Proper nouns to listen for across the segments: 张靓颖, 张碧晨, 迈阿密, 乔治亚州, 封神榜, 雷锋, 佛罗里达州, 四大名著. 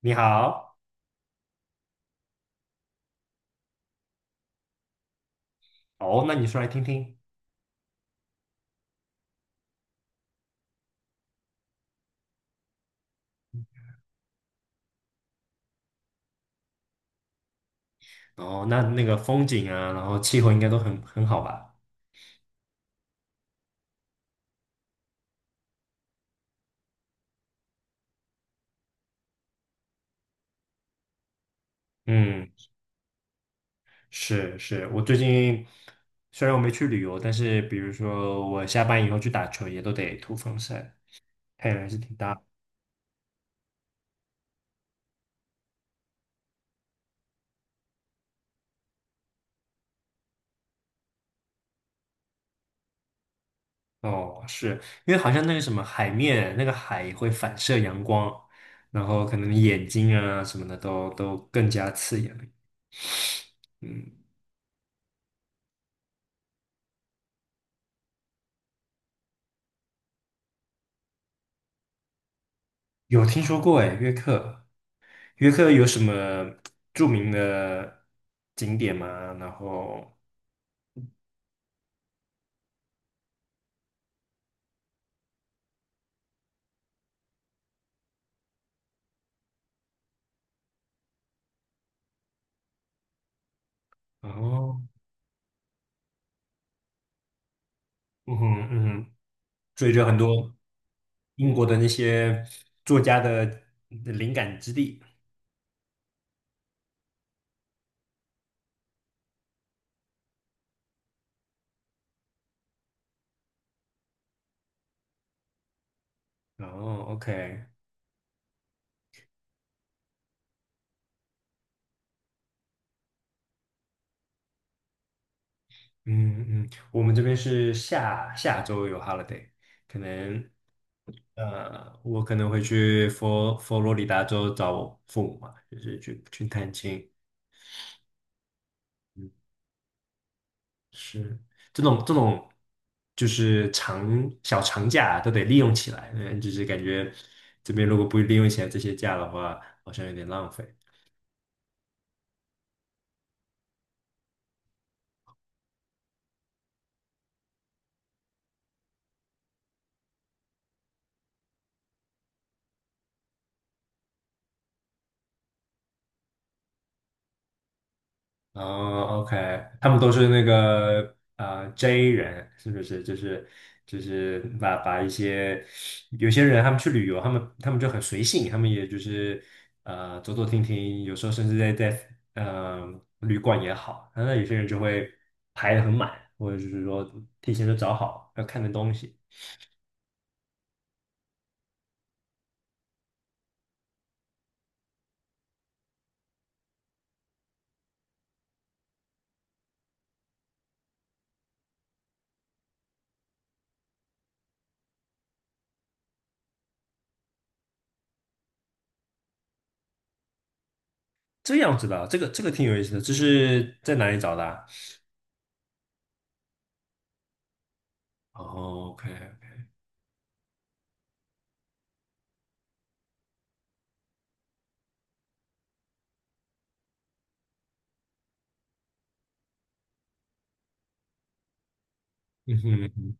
你好。哦，那你说来听听。哦，那个风景啊，然后气候应该都很好吧？嗯，是是，我最近虽然我没去旅游，但是比如说我下班以后去打球，也都得涂防晒，太阳还是挺大的。哦，是因为好像那个什么海面，那个海会反射阳光，然后可能眼睛啊什么的都更加刺眼了。嗯，有听说过哎，约克，约克有什么著名的景点吗？然后，哦，嗯哼嗯哼，所以就很多英国的那些作家的灵感之地。哦，OK。嗯嗯，我们这边是下下周有 holiday，可能我可能会去佛罗里达州找我父母嘛，就是去探亲。嗯，是这种，就是小长假都得利用起来，嗯，就是感觉这边如果不利用起来这些假的话，好像有点浪费。哦，OK。他们都是那个啊 J 人，是不是就是把有些人他们去旅游，他们就很随性，他们也就是走走停停，有时候甚至在旅馆也好，那有些人就会排得很满，或者就是说提前就找好要看的东西。这样子的，这个挺有意思的，这是在哪里找的啊？哦，OK。嗯哼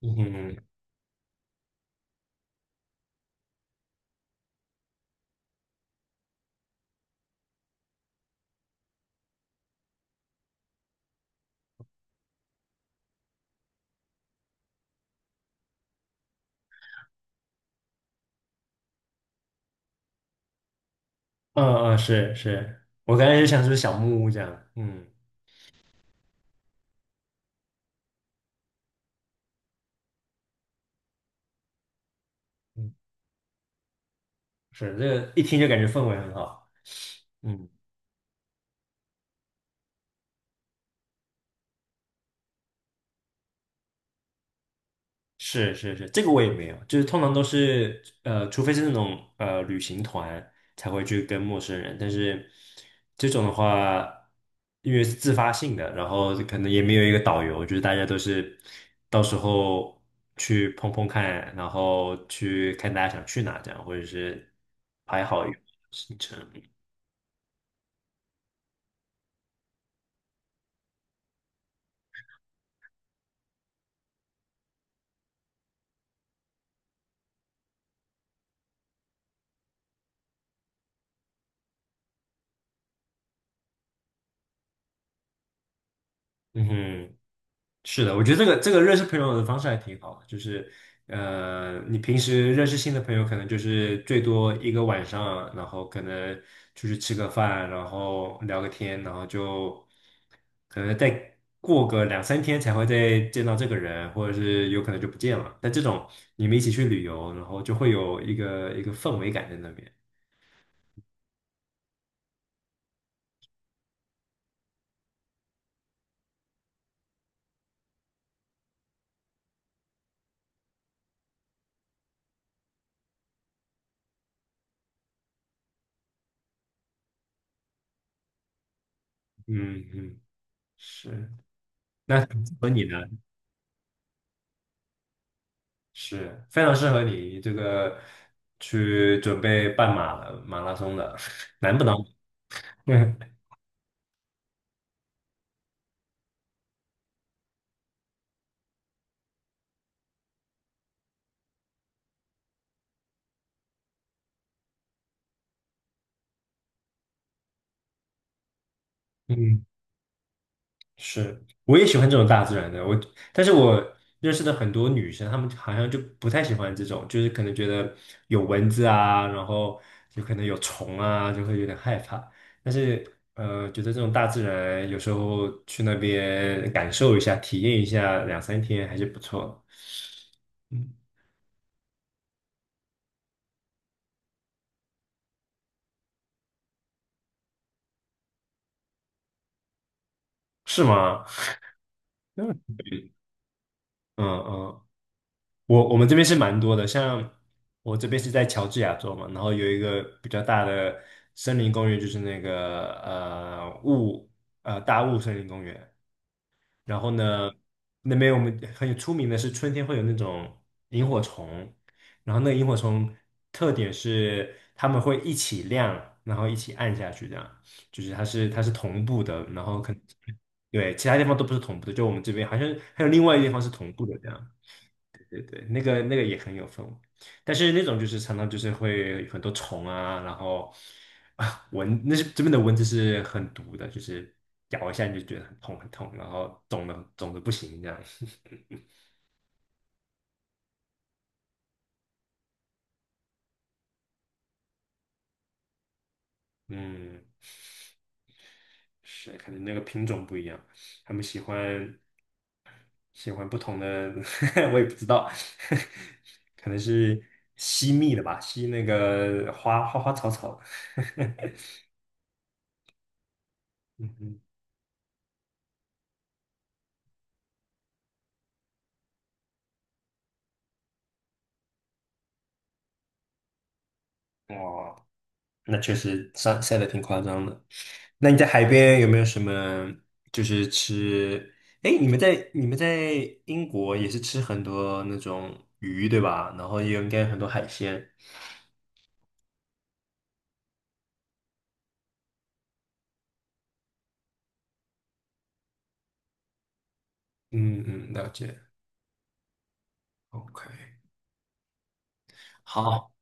嗯哼。嗯嗯，是是，我刚才就想是不是小木屋这样，嗯。嗯，是这个一听就感觉氛围很好，嗯。是是是，这个我也没有，就是通常都是除非是那种旅行团才会去跟陌生人，但是这种的话，因为是自发性的，然后可能也没有一个导游，就是大家都是到时候去碰碰看，然后去看大家想去哪这样，或者是排好一个行程。嗯哼。是的，我觉得这个认识朋友的方式还挺好的，就是你平时认识新的朋友，可能就是最多一个晚上，然后可能出去吃个饭，然后聊个天，然后就可能再过个两三天才会再见到这个人，或者是有可能就不见了。但这种你们一起去旅游，然后就会有一个氛围感在那边。嗯嗯，是。那和你呢？是非常适合你这个去准备半马马拉松的，难不难？对。嗯，是，我也喜欢这种大自然的。但是我认识的很多女生，她们好像就不太喜欢这种，就是可能觉得有蚊子啊，然后有可能有虫啊，就会有点害怕。但是，觉得这种大自然有时候去那边感受一下、体验一下两三天还是不错的。嗯，是吗？嗯嗯嗯，我们这边是蛮多的，像我这边是在乔治亚州嘛，然后有一个比较大的森林公园，就是那个呃雾呃大雾森林公园。然后呢，那边我们很有出名的是春天会有那种萤火虫，然后那个萤火虫特点是它们会一起亮，然后一起暗下去，这样就是它是同步的，然后可能对其他地方都不是同步的，就我们这边好像还有另外一个地方是同步的这样。对对，那个也很有氛围，但是那种就是常常就是会有很多虫啊，然后那是这边的蚊子是很毒的，就是咬一下你就觉得很痛很痛，然后肿的肿的不行这样。嗯，是，可能那个品种不一样，他们喜欢喜欢不同的，我也不知道，可能是吸蜜的吧，吸那个花花花草草。嗯哼，哇。那确实晒晒的挺夸张的。那你在海边有没有什么就是吃？哎，你们在英国也是吃很多那种鱼对吧？然后也有应该很多海鲜。嗯嗯，了解。OK。好。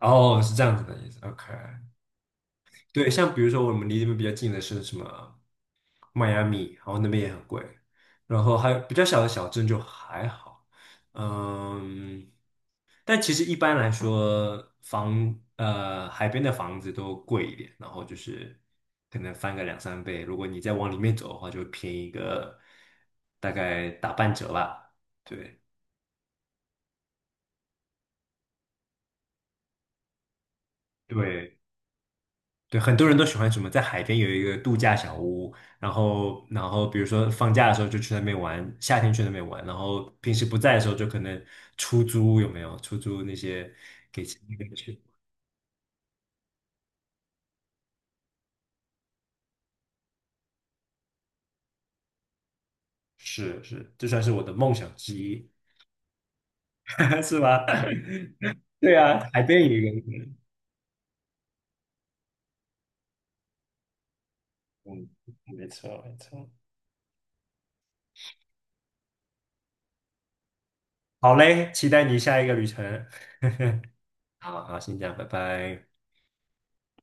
哦，是这样子的意思。OK。对，像比如说我们离这边比较近的是什么迈阿密，然后那边也很贵，然后还有比较小的小镇就还好，嗯，但其实一般来说海边的房子都贵一点，然后就是可能翻个两三倍，如果你再往里面走的话，就会便宜个大概打半折吧，对。对，对，很多人都喜欢什么，在海边有一个度假小屋，然后，比如说放假的时候就去那边玩，夏天去那边玩，然后平时不在的时候就可能出租，有没有？出租那些给钱那个去。是是，这算是我的梦想之一，是吧？对啊，海边有一个，嗯，嗯没错没错。好嘞，期待你下一个旅程。好好，先这样，拜拜。